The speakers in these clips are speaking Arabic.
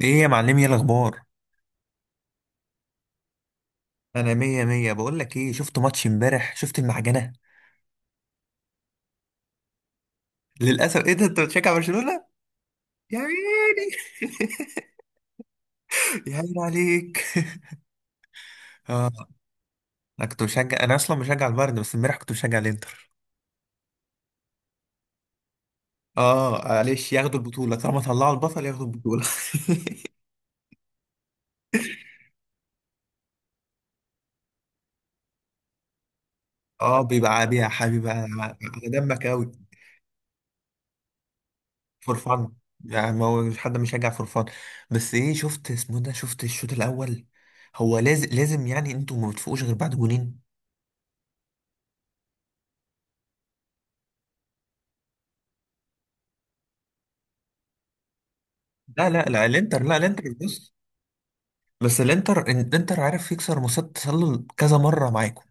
ايه يا معلمي، ايه الاخبار؟ انا مية مية. بقول لك ايه، شفت ماتش امبارح؟ شفت المعجنة؟ للاسف. ايه ده، انت بتشجع برشلونة؟ يا عيني. يا عيني عليك. اه. انا اصلا بشجع البايرن، بس امبارح كنت بشجع الانتر. اه، معلش، ياخدوا البطولة، طالما طلعوا البطل ياخدوا البطولة. اه، بيبقى عادي يا حبيبي على دمك قوي. فور فان، يعني ما هو مش حد مشجع فور فان. بس ايه، شفت اسمه ده، شفت الشوط الاول؟ هو لازم لازم، يعني انتوا ما بتفوقوش غير بعد جونين. لا لا لا، الانتر، لا الانتر، بص. بس الانتر عارف يكسر مصيدة التسلل كذا مرة معاكم.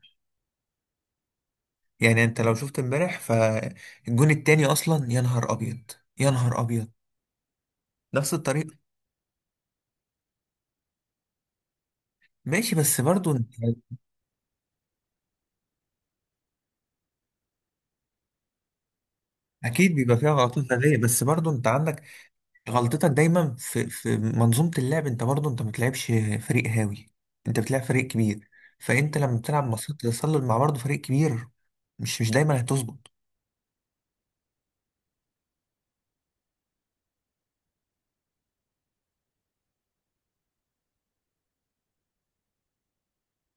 يعني انت لو شفت امبارح فالجون التاني اصلا، يا نهار ابيض، يا نهار ابيض. نفس الطريقة. ماشي، بس برضو انت اكيد بيبقى فيها غلطات فردية، بس برضو انت عندك غلطتك دايما في منظومة اللعب. انت برضو انت ما بتلعبش فريق هاوي، انت بتلعب فريق كبير. فانت لما بتلعب مصيدة التسلل مع برضو فريق كبير، مش دايما هتظبط.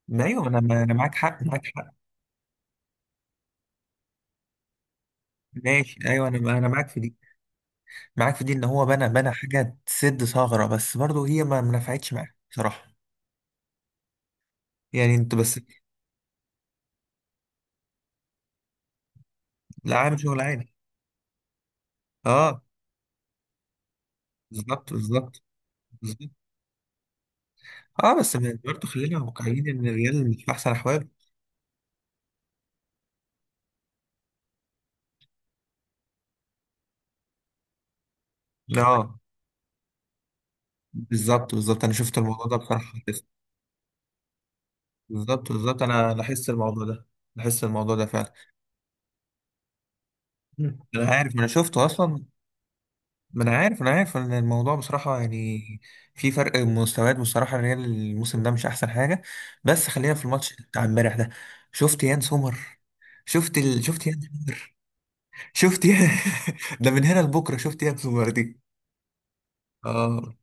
ما ايوه، انا معاك حق، معاك حق. ماشي ايوه، انا معاك في دي، معاك في دي. ان هو بنى حاجه تسد ثغره، بس برضه هي ما نفعتش معاه بصراحه. يعني انت بس، لا عامل شغل عالي. اه، بالظبط بالظبط بالظبط. اه، بس برضه خلينا واقعيين ان الريال مش في احسن احواله. اه، بالظبط بالظبط. انا شفت الموضوع ده بصراحه، لاحظت. بالظبط بالظبط، انا لاحظت الموضوع ده، لاحظت الموضوع ده فعلا. انا عارف، انا شفته اصلا. ما انا عارف، انا عارف ان الموضوع بصراحه يعني في فرق مستويات. بصراحه الريال الموسم ده مش احسن حاجه. بس خلينا في الماتش بتاع امبارح ده. شفت يان سومر؟ شفت يان سومر. شفت يان. ده من هنا لبكره. شفت يان سومر دي؟ اه.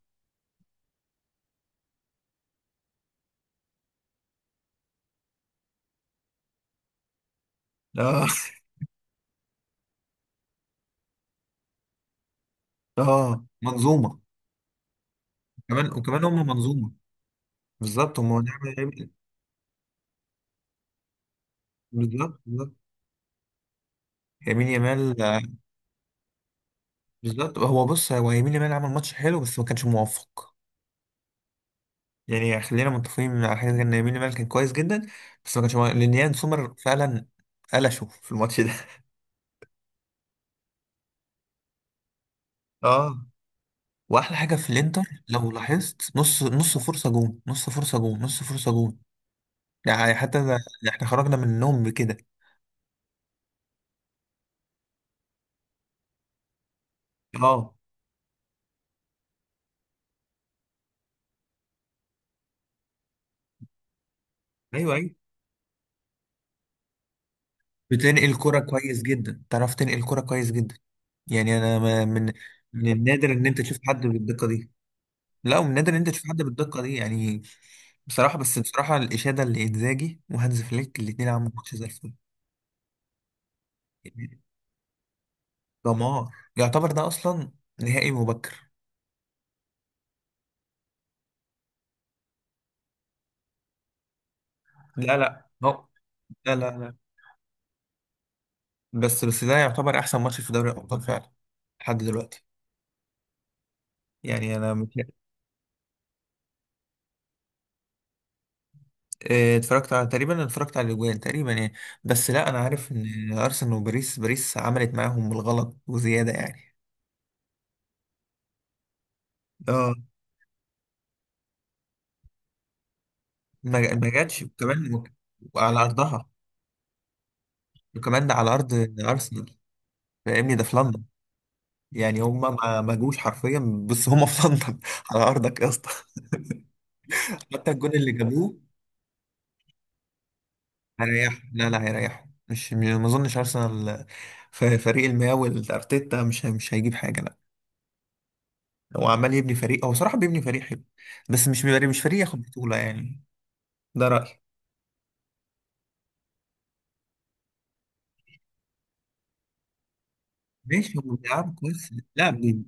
اه اه، منظومه، كمان وكمان، هم منظومه. بالظبط، هم نعمل. بالظبط بالظبط. يمين يامال، آه. بالظبط، هو بص، هو يمين يامال عمل ماتش حلو بس ما كانش موفق. يعني خلينا متفقين على حاجه زي ان يمين يامال كان كويس جدا، بس ما كانش مو- لان يان سومر فعلا قلشه في الماتش ده. اه، واحلى حاجه في الانتر، لو لاحظت، نص نص فرصه جون، نص فرصه جون، نص فرصه جون. يعني حتى ده احنا خرجنا من النوم بكده. اه، ايوه ايوه. بتنقل كرة كويس جدا، تعرف تنقل كرة كويس جدا. يعني انا من النادر ان انت تشوف حد بالدقة دي. لا، ومن نادر ان انت تشوف حد بالدقه دي يعني. بصراحه، بس بصراحه، الاشاده اللي انزاجي وهانز فليك، الاثنين عملوا ماتش زي الفل. يعني دمار، يعتبر ده اصلا نهائي مبكر. لا لا، هو لا لا لا، بس ده يعتبر احسن ماتش في دوري الابطال فعلا لحد دلوقتي. يعني انا آه، اتفرجت على الاجوان تقريبا، يعني. بس لا، انا عارف ان ارسنال وباريس، باريس عملت معاهم بالغلط وزياده يعني. اه، ما جاتش، وكمان على ارضها، وكمان ده على ارض ارسنال. فاهمني، ده في لندن. يعني هما ما جوش حرفيا، بس هما في لندن. على ارضك يا اسطى. حتى الجون اللي جابوه هيريح. لا لا، هيريح. مش م- ما اظنش ارسنال، في فريق المياوي، الارتيتا مش هيجيب حاجه، لا. هو عمال يبني فريق، هو صراحه بيبني فريق حلو، بس مش بيبقى- مش فريق ياخد بطوله يعني. ده رايي. ماشي، هو بيلعب كويس. لا بي-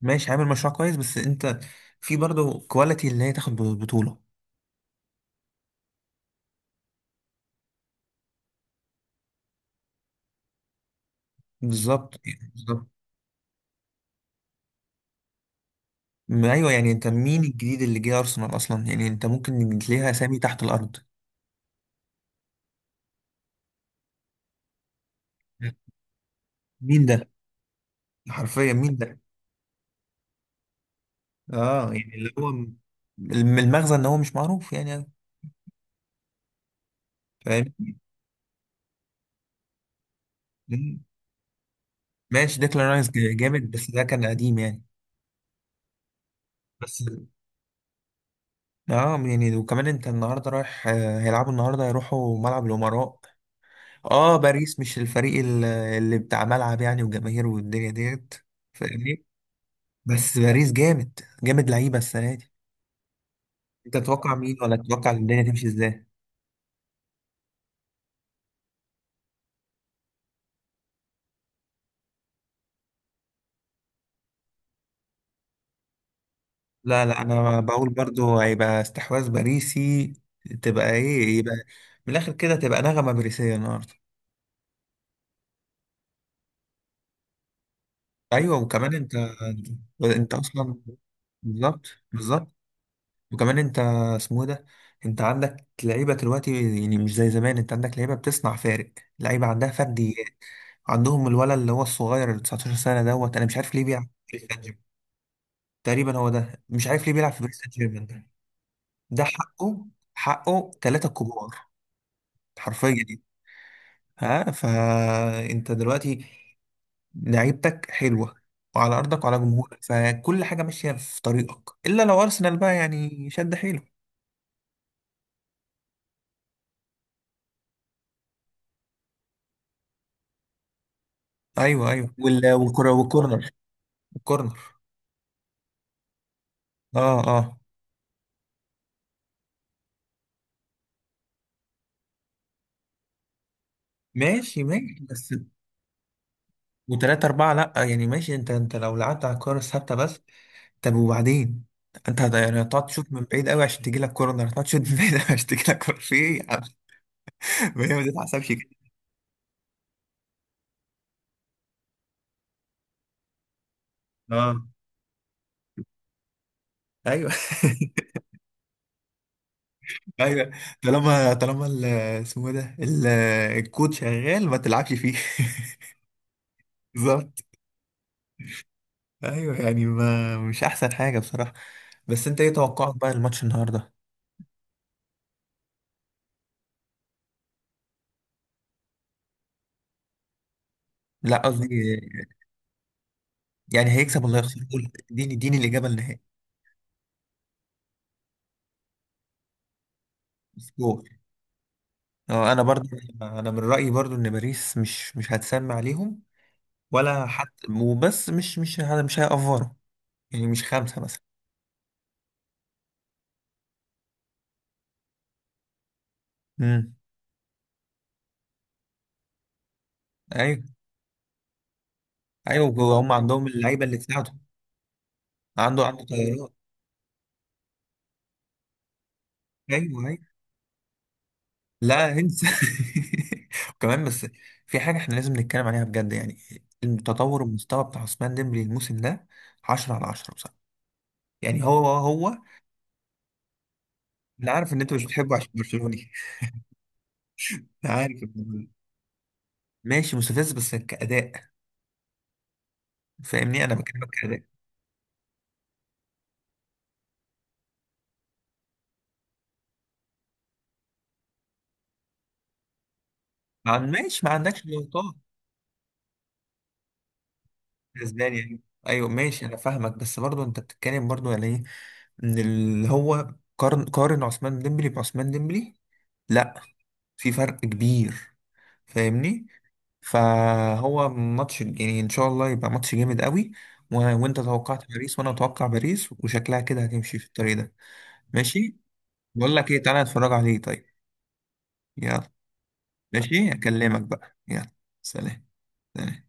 ماشي، عامل مشروع كويس، بس انت في برضه كواليتي اللي هي تاخد بطوله. بالظبط يعني، بالظبط. ما ايوه، يعني انت مين الجديد اللي جه ارسنال اصلا؟ يعني انت ممكن تلاقيها اسامي تحت الارض. مين ده؟ حرفيا مين ده؟ اه، يعني اللي هو المغزى ان هو مش معروف يعني. فاهم. مم. ماشي، ديكلان رايس جامد، بس ده كان قديم يعني. بس اه، يعني وكمان انت النهارده رايح، هيلعبوا النهارده، هيروحوا ملعب الامراء. اه، باريس مش الفريق اللي بتاع ملعب يعني وجماهير والدنيا ديت، فاهمني. بس باريس جامد جامد، لعيبه السنه. انت تتوقع مين، ولا تتوقع الدنيا تمشي ازاي؟ لا لا، انا بقول برضو هيبقى استحواذ باريسي. تبقى ايه يبقى، من الاخر كده تبقى نغمة باريسية النهارده. ايوه، وكمان انت اصلا. بالظبط بالظبط. وكمان انت، اسمه إيه ده، انت عندك لعيبه دلوقتي يعني، مش زي زمان. انت عندك لعيبه بتصنع فارق، لعيبه عندها فرديات. عندهم الولد اللي هو الصغير، اللي 19 سنه دوت، انا مش عارف ليه بيلعب في باريس سان جيرمان. تقريبا هو ده، مش عارف ليه بيلعب في باريس سان جيرمان ده. ده حقه. حقه ثلاثة كبار حرفيا يعني. ها، فانت دلوقتي لعيبتك حلوة، وعلى أرضك وعلى جمهورك، فكل حاجة ماشية في طريقك، إلا لو أرسنال بقى يعني شد حيله. أيوه أيوه، والكرة والكورنر، الكورنر. اه اه، ماشي ماشي، بس وتلاتة أربعة لأ يعني. ماشي، أنت لو لعبت على الكورة الثابتة بس، طب وبعدين؟ أنت يعني هتقعد تشوط من بعيد قوي عشان تجيلك كورنر، هتقعد تشوط من بعيد قوي عشان تجيلك كورنر، في إيه يا عم؟ ما هي ما تتحسبش كده. اه، ايوه. ايوه، طالما طالما اسمه ده الكود شغال، ما تلعبش فيه. بالظبط. ايوه يعني، ما مش احسن حاجه بصراحه. بس انت ايه توقعك بقى الماتش النهارده؟ لا قصدي، يعني هيكسب ولا هيخسر، قول اديني اديني الاجابه النهائيه. سكور. اه، انا برضو، انا من رايي برضو ان باريس مش هتسمع عليهم ولا حتى، وبس مش هيأفروا، يعني مش خمسه مثلا. امم، ايوه ايوه. هم عندهم اللعيبه اللي تساعدهم، عنده طيارات. ايوه ايوه. لا انسى. وكمان بس، في حاجه احنا لازم نتكلم عليها بجد يعني، التطور المستوى بتاع عثمان ديمبلي الموسم ده، 10 على 10 بصراحه. يعني هو انا عارف ان انت مش بتحبه عشان برشلوني. انا عارف ماشي، مستفز بس كاداء. فاهمني، انا بكلمك كاداء. ما عن- ماشي، ما عندكش نقاط بالنسبه لي يعني. ايوه ماشي، انا فاهمك، بس برضه انت بتتكلم برضه يعني ايه ان اللي هو، قارن عثمان ديمبلي بعثمان ديمبلي، لا في فرق كبير. فاهمني، فهو ماتش، يعني ان شاء الله يبقى ماتش جامد قوي، وانت توقعت باريس وانا اتوقع باريس، وشكلها كده هتمشي في الطريق ده. ماشي، بقول لك ايه، تعالى اتفرج عليه طيب، يلا. ماشي، اكلمك بقى، يلا. سلام. سلام.